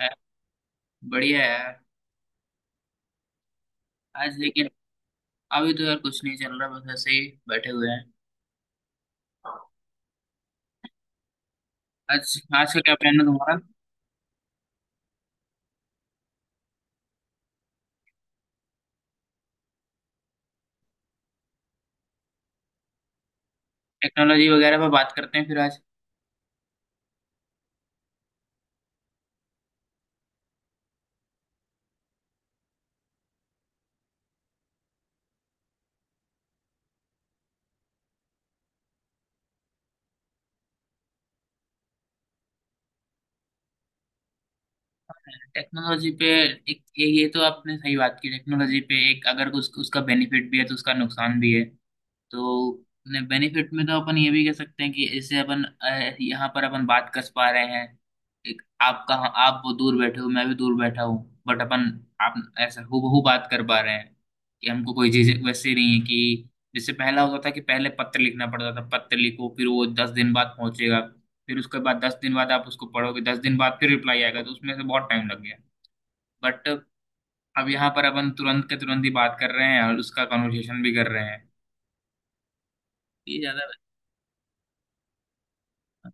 है, बढ़िया है यार आज लेकिन। अभी तो यार कुछ नहीं चल रहा, बस ऐसे ही बैठे हुए हैं। आज आज का क्या प्लान है तुम्हारा? टेक्नोलॉजी वगैरह पर बात करते हैं फिर आज। टेक्नोलॉजी पे एक ये तो आपने सही बात की। टेक्नोलॉजी पे एक अगर कुछ उसका बेनिफिट भी है तो उसका नुकसान भी है। तो ने बेनिफिट में तो अपन ये भी कह सकते हैं कि इससे अपन यहाँ पर अपन बात कर पा रहे हैं। एक आप कहाँ, आप वो दूर बैठे हो, मैं भी दूर बैठा हूँ, बट अपन आप ऐसा हूबहू बात कर पा रहे हैं। कि हमको कोई चीज वैसे नहीं है कि जैसे पहला होता था कि पहले पत्र लिखना पड़ता था, पत्र लिखो फिर वो 10 दिन बाद पहुंचेगा, फिर उसके बाद 10 दिन बाद आप उसको पढ़ोगे, 10 दिन बाद फिर रिप्लाई आएगा, तो उसमें से बहुत टाइम लग गया। बट अब यहाँ पर अपन तुरंत के तुरंत ही बात कर रहे हैं और उसका कन्वर्सेशन भी कर रहे हैं। ये ज्यादा बेहतर है।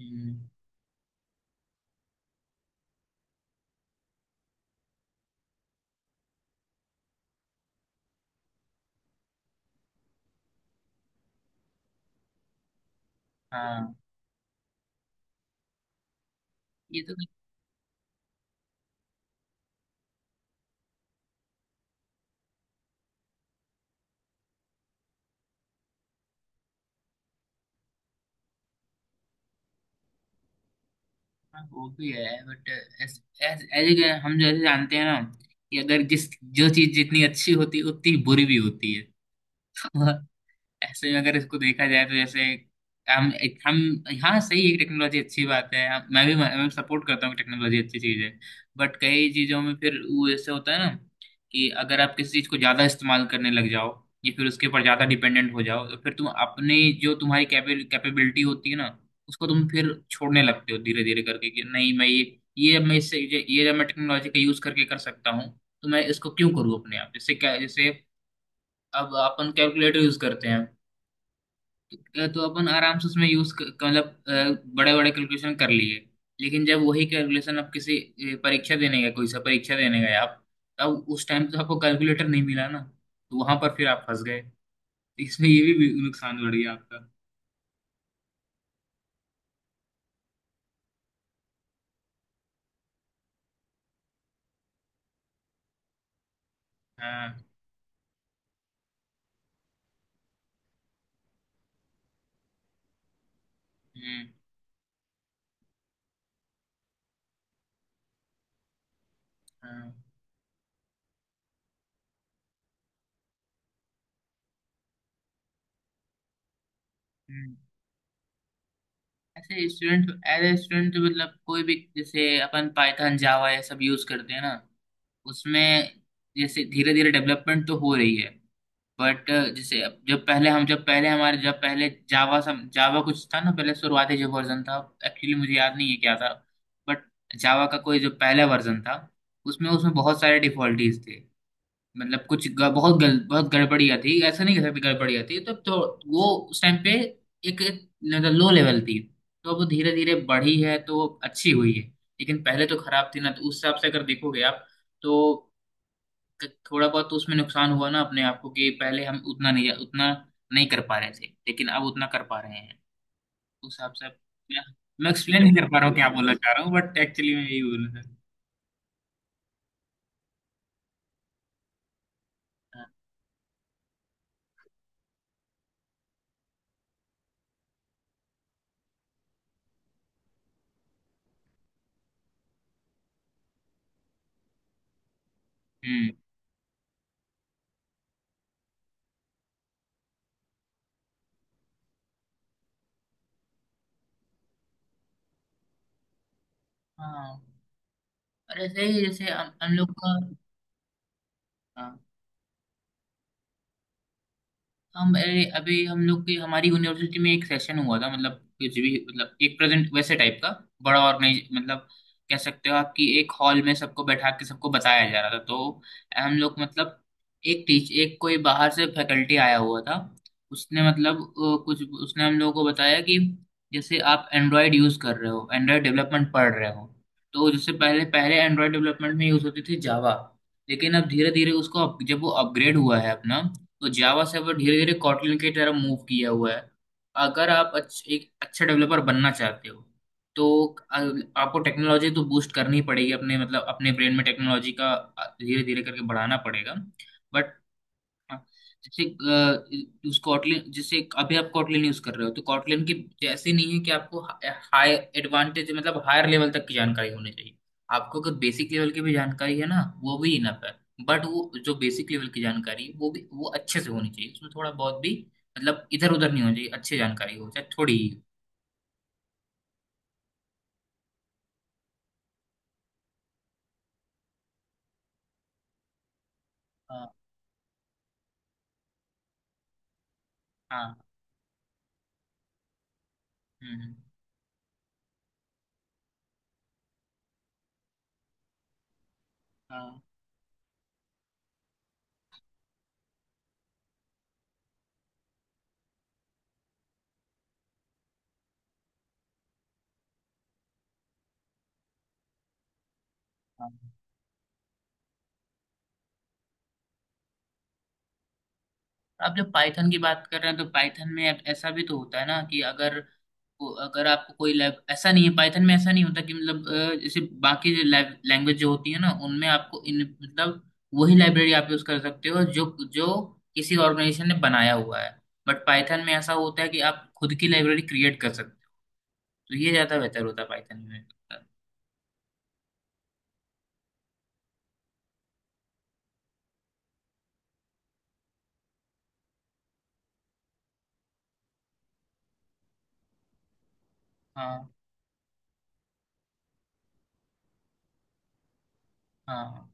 हम्म। हाँ, ये तो कहीं ना वो भी है। बट एज एज हम जैसे जानते हैं ना कि अगर जिस जो चीज जितनी अच्छी होती है उतनी बुरी भी होती है। ऐसे में अगर इसको देखा जाए तो जैसे हम हम। हाँ सही है, टेक्नोलॉजी अच्छी बात है। मैं भी मैं सपोर्ट करता हूँ कि टेक्नोलॉजी अच्छी चीज़ है। बट कई चीज़ों में फिर वो ऐसे होता है ना कि अगर आप किसी चीज़ को ज़्यादा इस्तेमाल करने लग जाओ या फिर उसके ऊपर ज़्यादा डिपेंडेंट हो जाओ, तो फिर तुम अपने जो तुम्हारी कैपेबिलिटी होती है ना, उसको तुम फिर छोड़ने लगते हो धीरे धीरे करके कि नहीं, मैं ये मैं इससे ये जब मैं टेक्नोलॉजी का यूज़ करके कर सकता हूँ, तो मैं इसको क्यों करूँ अपने आप। जैसे क्या, जैसे अब अपन कैलकुलेटर यूज़ करते हैं, तो अपन आराम से उसमें यूज मतलब बड़े बड़े कैलकुलेशन कर लिए। लेकिन जब वही कैलकुलेशन आप किसी परीक्षा देने गए, कोई सा परीक्षा देने गए आप, तब उस टाइम तो आपको कैलकुलेटर नहीं मिला ना, तो वहां पर फिर आप फंस गए। तो इसमें ये भी नुकसान बढ़ गया आपका। हाँ। हम्म। हाँ। हम्म। ऐसे स्टूडेंट एज ए स्टूडेंट मतलब कोई भी, जैसे अपन पाइथन जावा ये सब यूज करते हैं ना, उसमें जैसे धीरे धीरे डेवलपमेंट तो हो रही है। बट जैसे अब जब पहले हम जब पहले हमारे जब पहले जावा सम जावा कुछ था ना, पहले शुरुआती जो वर्जन था, एक्चुअली मुझे याद नहीं है क्या था, बट जावा का कोई जो पहला वर्जन था, उसमें उसमें बहुत सारे डिफॉल्टीज थे। मतलब कुछ ग, बहुत गल, बहुत गड़बड़ियाँ थी, ऐसा नहीं कह सकते गड़बड़ियाँ थी, तो वो उस टाइम पे एक मतलब लो लेवल थी। तो अब धीरे धीरे बढ़ी है तो अच्छी हुई है। लेकिन पहले तो खराब थी ना, तो उस हिसाब से अगर देखोगे आप, तो थोड़ा बहुत तो उसमें नुकसान हुआ ना अपने आप को, कि पहले हम उतना नहीं कर पा रहे थे लेकिन अब उतना कर पा रहे हैं। उस हिसाब से अब- मैं मैं एक्सप्लेन नहीं कर पा रहा हूँ क्या बोलना चाह रहा हूँ, बट एक्चुअली मैं यही बोलना चाह रहा हूँ। हम्म। हाँ। और ऐसे ही जैसे हम लोग का। हाँ। हम अरे अभी हम लोग की हमारी यूनिवर्सिटी में एक सेशन हुआ था। मतलब कुछ भी मतलब एक प्रेजेंट वैसे टाइप का बड़ा ऑर्गेनाइज, मतलब कह सकते हो आप कि एक हॉल में सबको बैठा के सबको बताया जा रहा था। तो हम लोग मतलब एक कोई बाहर से फैकल्टी आया हुआ था। उसने मतलब कुछ उसने हम लोगों को बताया कि जैसे आप एंड्रॉयड यूज़ कर रहे हो, एंड्रॉयड डेवलपमेंट पढ़ रहे हो, तो जैसे पहले पहले एंड्रॉयड डेवलपमेंट में यूज़ होती थी जावा, लेकिन अब धीरे धीरे उसको जब वो अपग्रेड हुआ है अपना, तो जावा सर्वर धीरे धीरे कॉटलिन की तरफ मूव किया हुआ है। अगर आप एक अच्छा डेवलपर बनना चाहते हो तो आपको टेक्नोलॉजी तो बूस्ट करनी ही पड़ेगी अपने, मतलब अपने ब्रेन में टेक्नोलॉजी का धीरे धीरे करके बढ़ाना पड़ेगा। बट हाँ, जैसे स्कॉटलैंड जैसे अभी आप कॉटलैंड यूज कर रहे हो, तो कॉटलैंड की जैसे नहीं है कि आपको हाई एडवांटेज मतलब हायर लेवल तक की जानकारी होनी चाहिए। आपको अगर बेसिक लेवल की भी जानकारी है ना, वो भी इनफ है। बट वो जो बेसिक लेवल की जानकारी है वो भी वो अच्छे से होनी चाहिए, उसमें थोड़ा बहुत भी मतलब इधर उधर नहीं होनी चाहिए, अच्छी जानकारी हो चाहे थोड़ी ही हो। हाँ। हाँ। हम्म। हाँ। हाँ। आप जब पाइथन की बात कर रहे हैं तो पाइथन में ऐसा भी तो होता है ना कि अगर अगर आपको कोई लैब ऐसा नहीं है, पाइथन में ऐसा नहीं होता कि मतलब जैसे बाकी जो लैंग्वेज जो होती है ना उनमें आपको इन मतलब वही लाइब्रेरी आप यूज कर सकते हो जो जो किसी ऑर्गेनाइजेशन ने बनाया हुआ है। बट पाइथन में ऐसा होता है कि आप खुद की लाइब्रेरी क्रिएट कर सकते हो, तो ये ज्यादा बेहतर होता है पाइथन में। हाँ। हाँ। हाँ।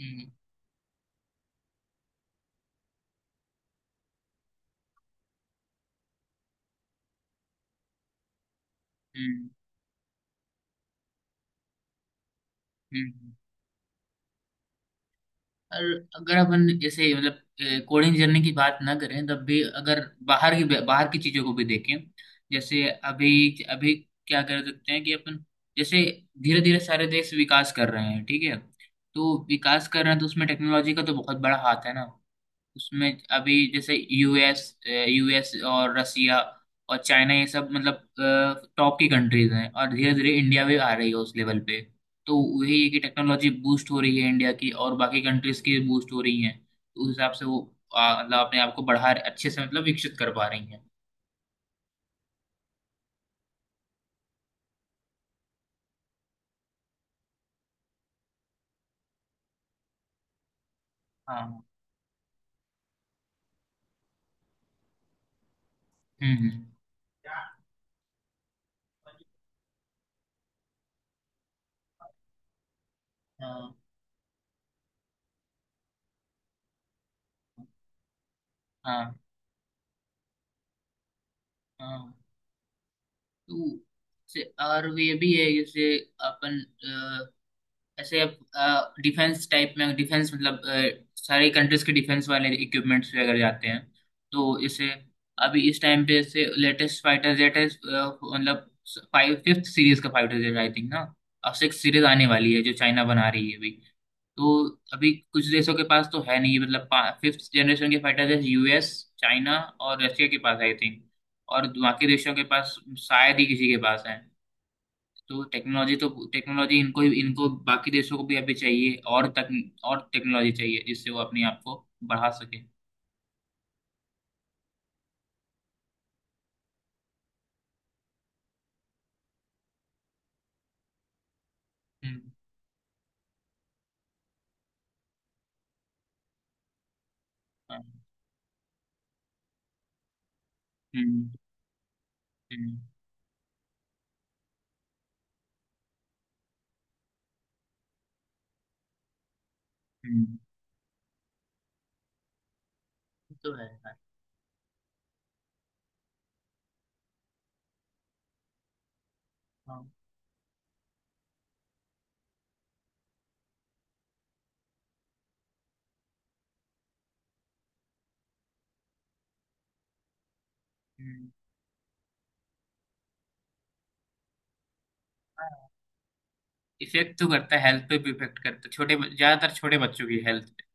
हम्म। हम्म। हम्म। हम्म। और अगर अपन ऐसे मतलब कोडिंग जर्नी की बात ना करें तब भी अगर बाहर की चीजों को भी देखें, जैसे अभी अभी क्या कर सकते हैं कि अपन, जैसे धीरे धीरे सारे देश विकास कर रहे हैं ठीक है, तो विकास कर रहे हैं तो उसमें टेक्नोलॉजी का तो बहुत बड़ा हाथ है ना उसमें। अभी जैसे यूएस यूएस और रसिया और चाइना ये सब मतलब टॉप की कंट्रीज हैं, और धीरे धीरे इंडिया भी आ रही है उस लेवल पे। तो वही है कि टेक्नोलॉजी बूस्ट हो रही है इंडिया की और बाकी कंट्रीज की बूस्ट हो रही हैं। तो उस हिसाब से वो मतलब अपने आप को बढ़ा अच्छे से मतलब विकसित कर पा रही हैं। हाँ। हम्म। हम्म। हाँ। हाँ। हाँ। तो और ये भी है जैसे अपन ऐसे अब डिफेंस टाइप में, डिफेंस मतलब सारी कंट्रीज के डिफेंस वाले इक्विपमेंट्स वगैरह जाते हैं। तो इसे अभी इस टाइम पे जैसे लेटेस्ट फाइटर जेट है मतलब फाइव फिफ्थ सीरीज का फाइटर जेट आई थिंक ना। अब सिक्स सीरीज आने वाली है जो चाइना बना रही है अभी। तो अभी कुछ देशों के पास तो है नहीं, मतलब फिफ्थ जनरेशन के फाइटर जेट यूएस चाइना और रशिया के पास आई थिंक, और बाकी देशों के पास शायद ही किसी के पास है। तो टेक्नोलॉजी इनको इनको बाकी देशों को भी अभी चाहिए और तक और टेक्नोलॉजी चाहिए, जिससे वो अपने आप को बढ़ा सके। हम्म। हाँ, हम्म। हम्म। हम्म, ये तो है यार। हाँ, हम्म। हाँ। इफेक्ट तो करता है, हेल्थ पे भी इफेक्ट करता है, छोटे ज्यादातर छोटे बच्चों की हेल्थ पे।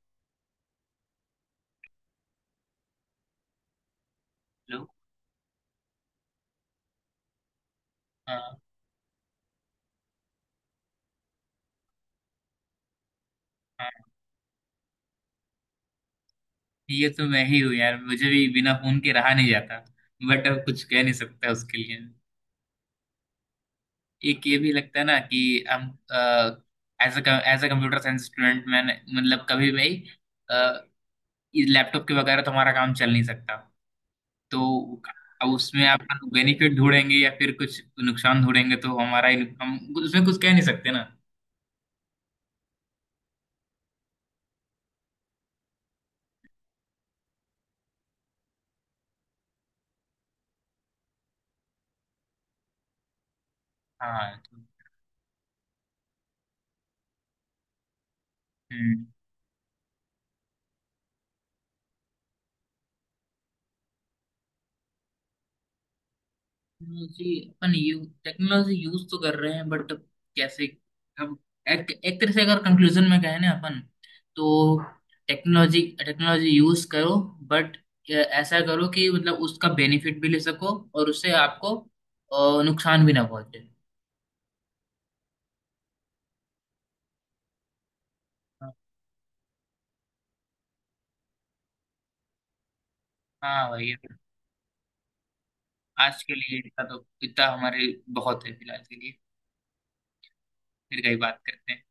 लो। हाँ। हाँ, ये तो मैं ही हूँ यार, मुझे भी बिना फोन के रहा नहीं जाता। बट अब कुछ कह नहीं सकता उसके लिए। एक ये भी लगता है ना कि हम as a computer science student, मैंने मतलब कभी भी लैपटॉप के वगैरह तो हमारा काम चल नहीं सकता। तो अब उसमें आप बेनिफिट ढूंढेंगे या फिर कुछ नुकसान ढूंढेंगे तो हमारा ही हम उसमें कुछ कह नहीं सकते ना। हाँ तो, हम्म। टेक्नोलॉजी अपन यू टेक्नोलॉजी यूज तो कर रहे हैं, बट कैसे, हम एक एक तरह से अगर कंक्लूजन में कहें ना अपन, तो टेक्नोलॉजी टेक्नोलॉजी यूज करो, बट ऐसा करो कि मतलब उसका बेनिफिट भी ले सको और उससे आपको नुकसान भी ना पहुंचे। हाँ। हाँ भाई। आज के लिए इतना तो, इतना हमारे बहुत है फिलहाल के लिए। फिर कहीं बात करते हैं।